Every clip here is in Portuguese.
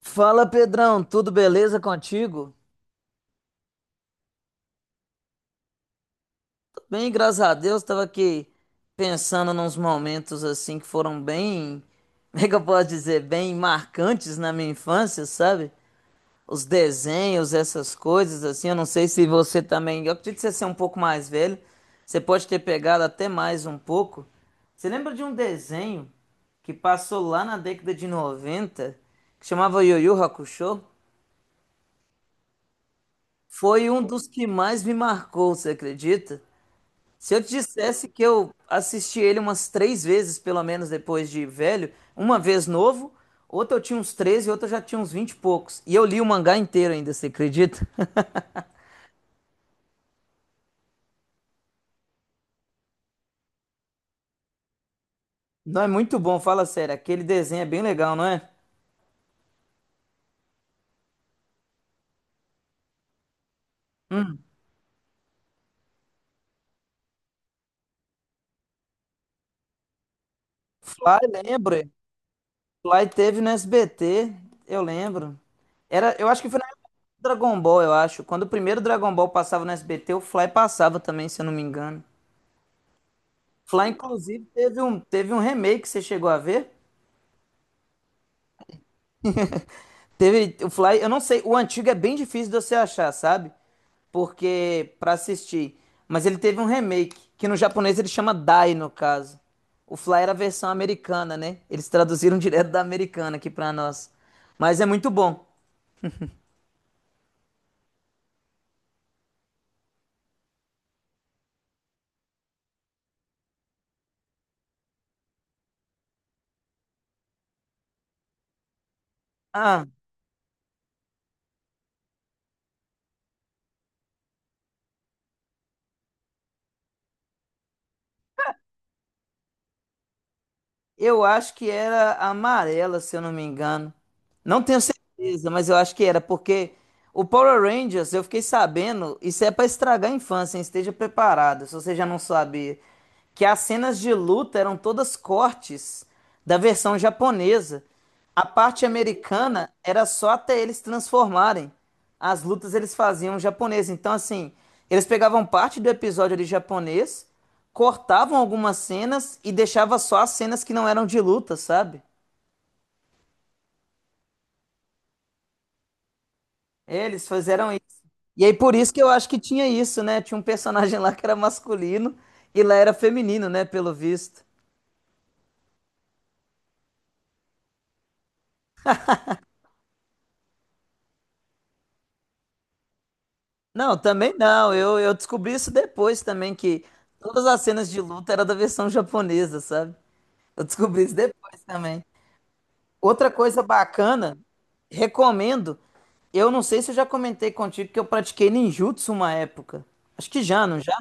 Fala Pedrão, tudo beleza contigo? Tô bem, graças a Deus, tava aqui pensando nos momentos assim que foram bem, como é que eu posso dizer, bem marcantes na minha infância, sabe? Os desenhos, essas coisas assim, eu não sei se você também, eu acredito que você ser um pouco mais velho, você pode ter pegado até mais um pouco. Você lembra de um desenho que passou lá na década de 90 que chamava Yu Yu Hakusho? Foi um dos que mais me marcou, você acredita? Se eu te dissesse que eu assisti ele umas três vezes, pelo menos depois de velho, uma vez novo, outra eu tinha uns 13, outra eu já tinha uns 20 e poucos. E eu li o mangá inteiro ainda, você acredita? Não é muito bom, fala sério. Aquele desenho é bem legal, não é? Fly, lembra? Fly teve no SBT, eu lembro. Era, eu acho que foi na época do Dragon Ball, eu acho. Quando o primeiro Dragon Ball passava no SBT, o Fly passava também, se eu não me engano. Fly, inclusive, teve um remake, você chegou a ver? Teve o Fly, eu não sei, o antigo é bem difícil de você achar, sabe? Porque pra assistir. Mas ele teve um remake, que no japonês ele chama Dai, no caso. O Fly era a versão americana, né? Eles traduziram direto da americana aqui pra nós. Mas é muito bom. Ah, eu acho que era amarela, se eu não me engano. Não tenho certeza, mas eu acho que era, porque o Power Rangers, eu fiquei sabendo, isso é pra estragar a infância, hein? Esteja preparado, se você já não sabia, que as cenas de luta eram todas cortes da versão japonesa. A parte americana era só até eles transformarem. As lutas eles faziam japonês. Então, assim, eles pegavam parte do episódio ali japonês, cortavam algumas cenas e deixava só as cenas que não eram de luta, sabe? Eles fizeram isso. E aí, por isso que eu acho que tinha isso, né? Tinha um personagem lá que era masculino e lá era feminino, né? Pelo visto. Não, também não. Eu descobri isso depois também, que todas as cenas de luta eram da versão japonesa, sabe? Eu descobri isso depois também. Outra coisa bacana, recomendo. Eu não sei se eu já comentei contigo que eu pratiquei ninjutsu uma época. Acho que já, não já?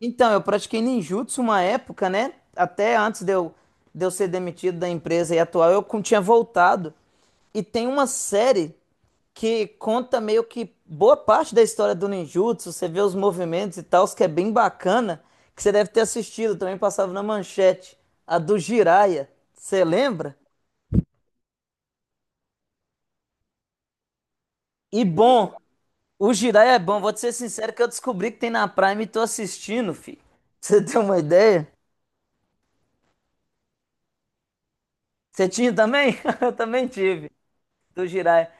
Então, eu pratiquei ninjutsu uma época, né? Até antes de eu ser demitido da empresa e atual, eu tinha voltado. E tem uma série que conta meio que boa parte da história do ninjutsu. Você vê os movimentos e tal, que é bem bacana, que você deve ter assistido. Também passava na manchete. A do Jiraiya. Você lembra? E bom. O Jiraiya é bom, vou te ser sincero que eu descobri que tem na Prime e tô assistindo, fi. Pra você tem uma ideia? Você tinha também? Eu também tive, do Jiraiya.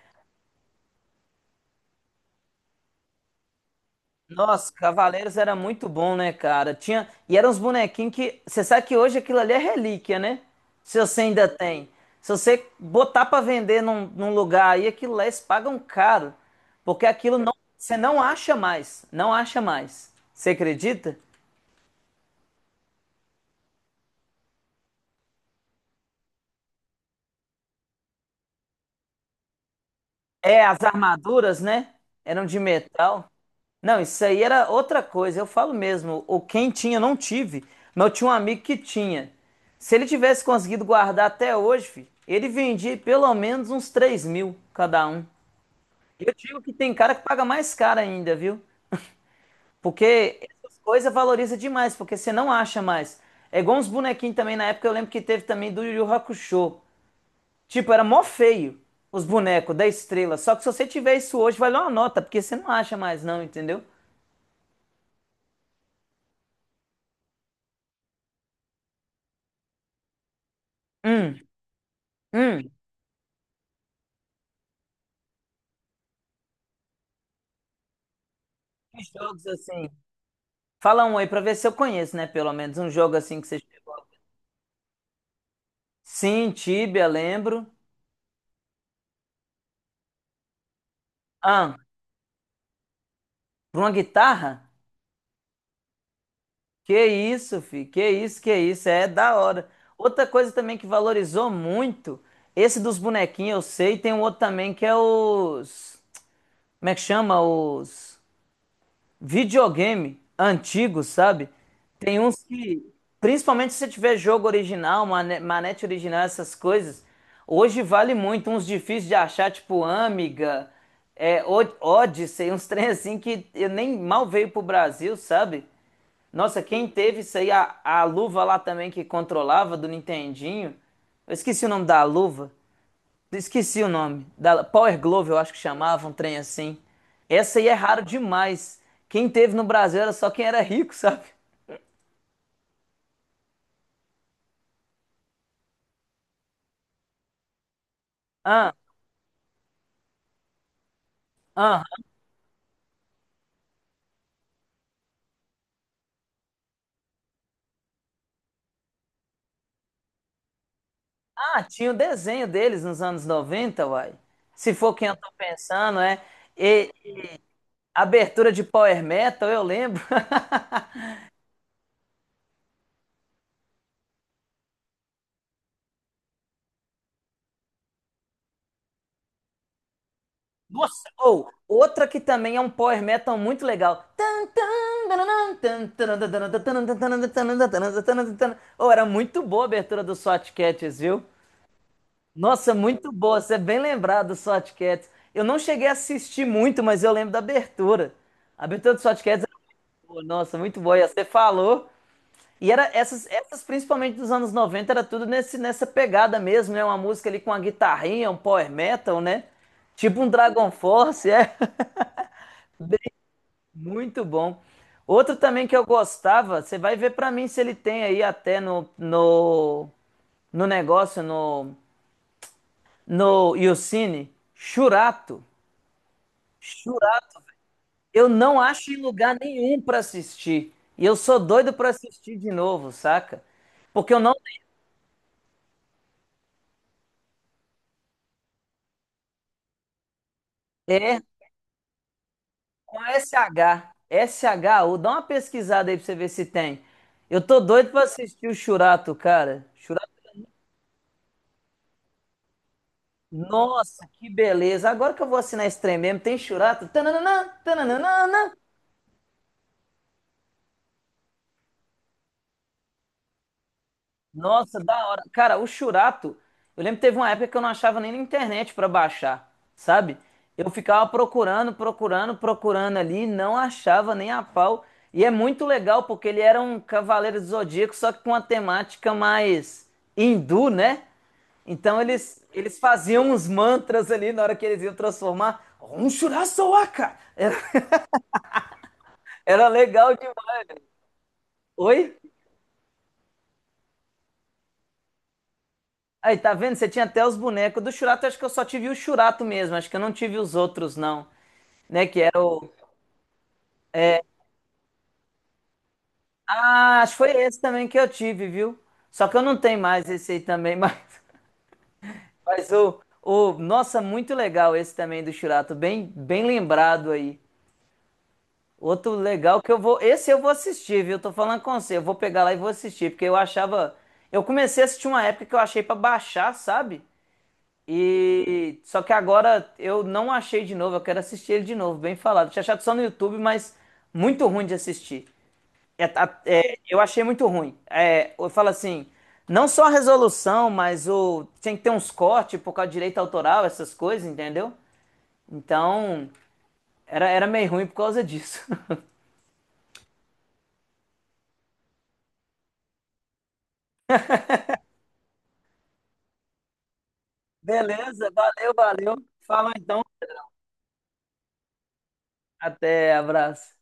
Nossa, Cavaleiros era muito bom, né, cara? Tinha... E eram uns bonequinhos que... Você sabe que hoje aquilo ali é relíquia, né? Se você ainda tem. Se você botar pra vender num lugar aí, aquilo lá eles pagam caro. Porque aquilo não... Você não acha mais. Não acha mais. Você acredita? É, as armaduras, né? Eram de metal. Não, isso aí era outra coisa. Eu falo mesmo, o quem tinha, eu não tive, mas eu tinha um amigo que tinha. Se ele tivesse conseguido guardar até hoje, fi, ele vendia pelo menos uns 3 mil cada um. E eu digo que tem cara que paga mais caro ainda, viu? Porque essas coisas valoriza demais, porque você não acha mais. É igual uns bonequinhos também, na época eu lembro que teve também do Yu Yu Hakusho. Tipo, era mó feio os bonecos da estrela. Só que se você tiver isso hoje, vai dar uma nota, porque você não acha mais, não, entendeu? Hum, hum. Que jogos assim. Fala um aí pra ver se eu conheço, né? Pelo menos um jogo assim que você chegou. Sim, Tibia, lembro. Ah, pra uma guitarra? Que isso, fi. Que isso, que isso. É da hora. Outra coisa também que valorizou muito, esse dos bonequinhos eu sei, tem um outro também que é os. Como é que chama? Os videogame antigo, sabe? Tem uns que, principalmente se você tiver jogo original, manete original, essas coisas, hoje vale muito, uns difíceis de achar, tipo Amiga, é, Odyssey, uns trem assim que eu nem mal veio pro Brasil, sabe? Nossa, quem teve isso aí, a luva lá também que controlava do Nintendinho, eu esqueci o nome da luva, esqueci o nome. Da Power Glove, eu acho que chamava, um trem assim. Essa aí é raro demais. Quem teve no Brasil era só quem era rico, sabe? Ah, ah, tinha o desenho deles nos anos 90 uai. Se for quem eu tô pensando, é. E abertura de Power Metal, eu lembro. Nossa, ou outra que também é um Power Metal muito legal. Ou era muito boa a abertura do SWAT Cats, viu? Nossa, muito boa. Você é bem lembrado do Swat Cats. Eu não cheguei a assistir muito, mas eu lembro da abertura. A abertura do Swat Cats era boa. Nossa, muito boa. E você falou. E era essas, principalmente dos anos 90 era tudo nesse, nessa pegada mesmo, né? Uma música ali com uma guitarrinha, um power metal, né? Tipo um Dragon Force, é. Muito bom. Outro também que eu gostava, você vai ver pra mim se ele tem aí até no, no negócio, no Youcine, Churato. Churato, eu não acho em lugar nenhum pra assistir. E eu sou doido pra assistir de novo, saca? Porque eu não é com S H S H U, dá uma pesquisada aí pra você ver se tem. Eu tô doido pra assistir o Churato, cara. Churato, nossa, que beleza. Agora que eu vou assinar esse trem mesmo, tem Churato. Tananana, tananana, nossa, da hora. Cara, o Churato, eu lembro que teve uma época que eu não achava nem na internet pra baixar, sabe? Eu ficava procurando, procurando, procurando ali, não achava nem a pau. E é muito legal porque ele era um cavaleiro do zodíaco, só que com uma temática mais hindu, né? Então eles faziam uns mantras ali na hora que eles iam transformar. Um Shurasoaka! Era, era legal demais. Oi? Aí, tá vendo? Você tinha até os bonecos. Do Churato, acho que eu só tive o Churato mesmo. Acho que eu não tive os outros, não. Né? Que era o. Ah, acho que foi esse também que eu tive, viu? Só que eu não tenho mais esse aí também, mas o. Nossa, muito legal esse também do Churato. Bem, bem lembrado aí. Outro legal que eu vou. Esse eu vou assistir, viu? Tô falando com você. Eu vou pegar lá e vou assistir, porque eu achava. Eu comecei a assistir uma época que eu achei pra baixar, sabe? E só que agora eu não achei de novo, eu quero assistir ele de novo, bem falado. Tinha achado só no YouTube, mas muito ruim de assistir. É, é, eu achei muito ruim. É, eu falo assim, não só a resolução, mas o tinha que ter uns cortes por causa de direito autoral, essas coisas, entendeu? Então, era, era meio ruim por causa disso. Beleza, valeu, valeu. Fala então. Até, abraço.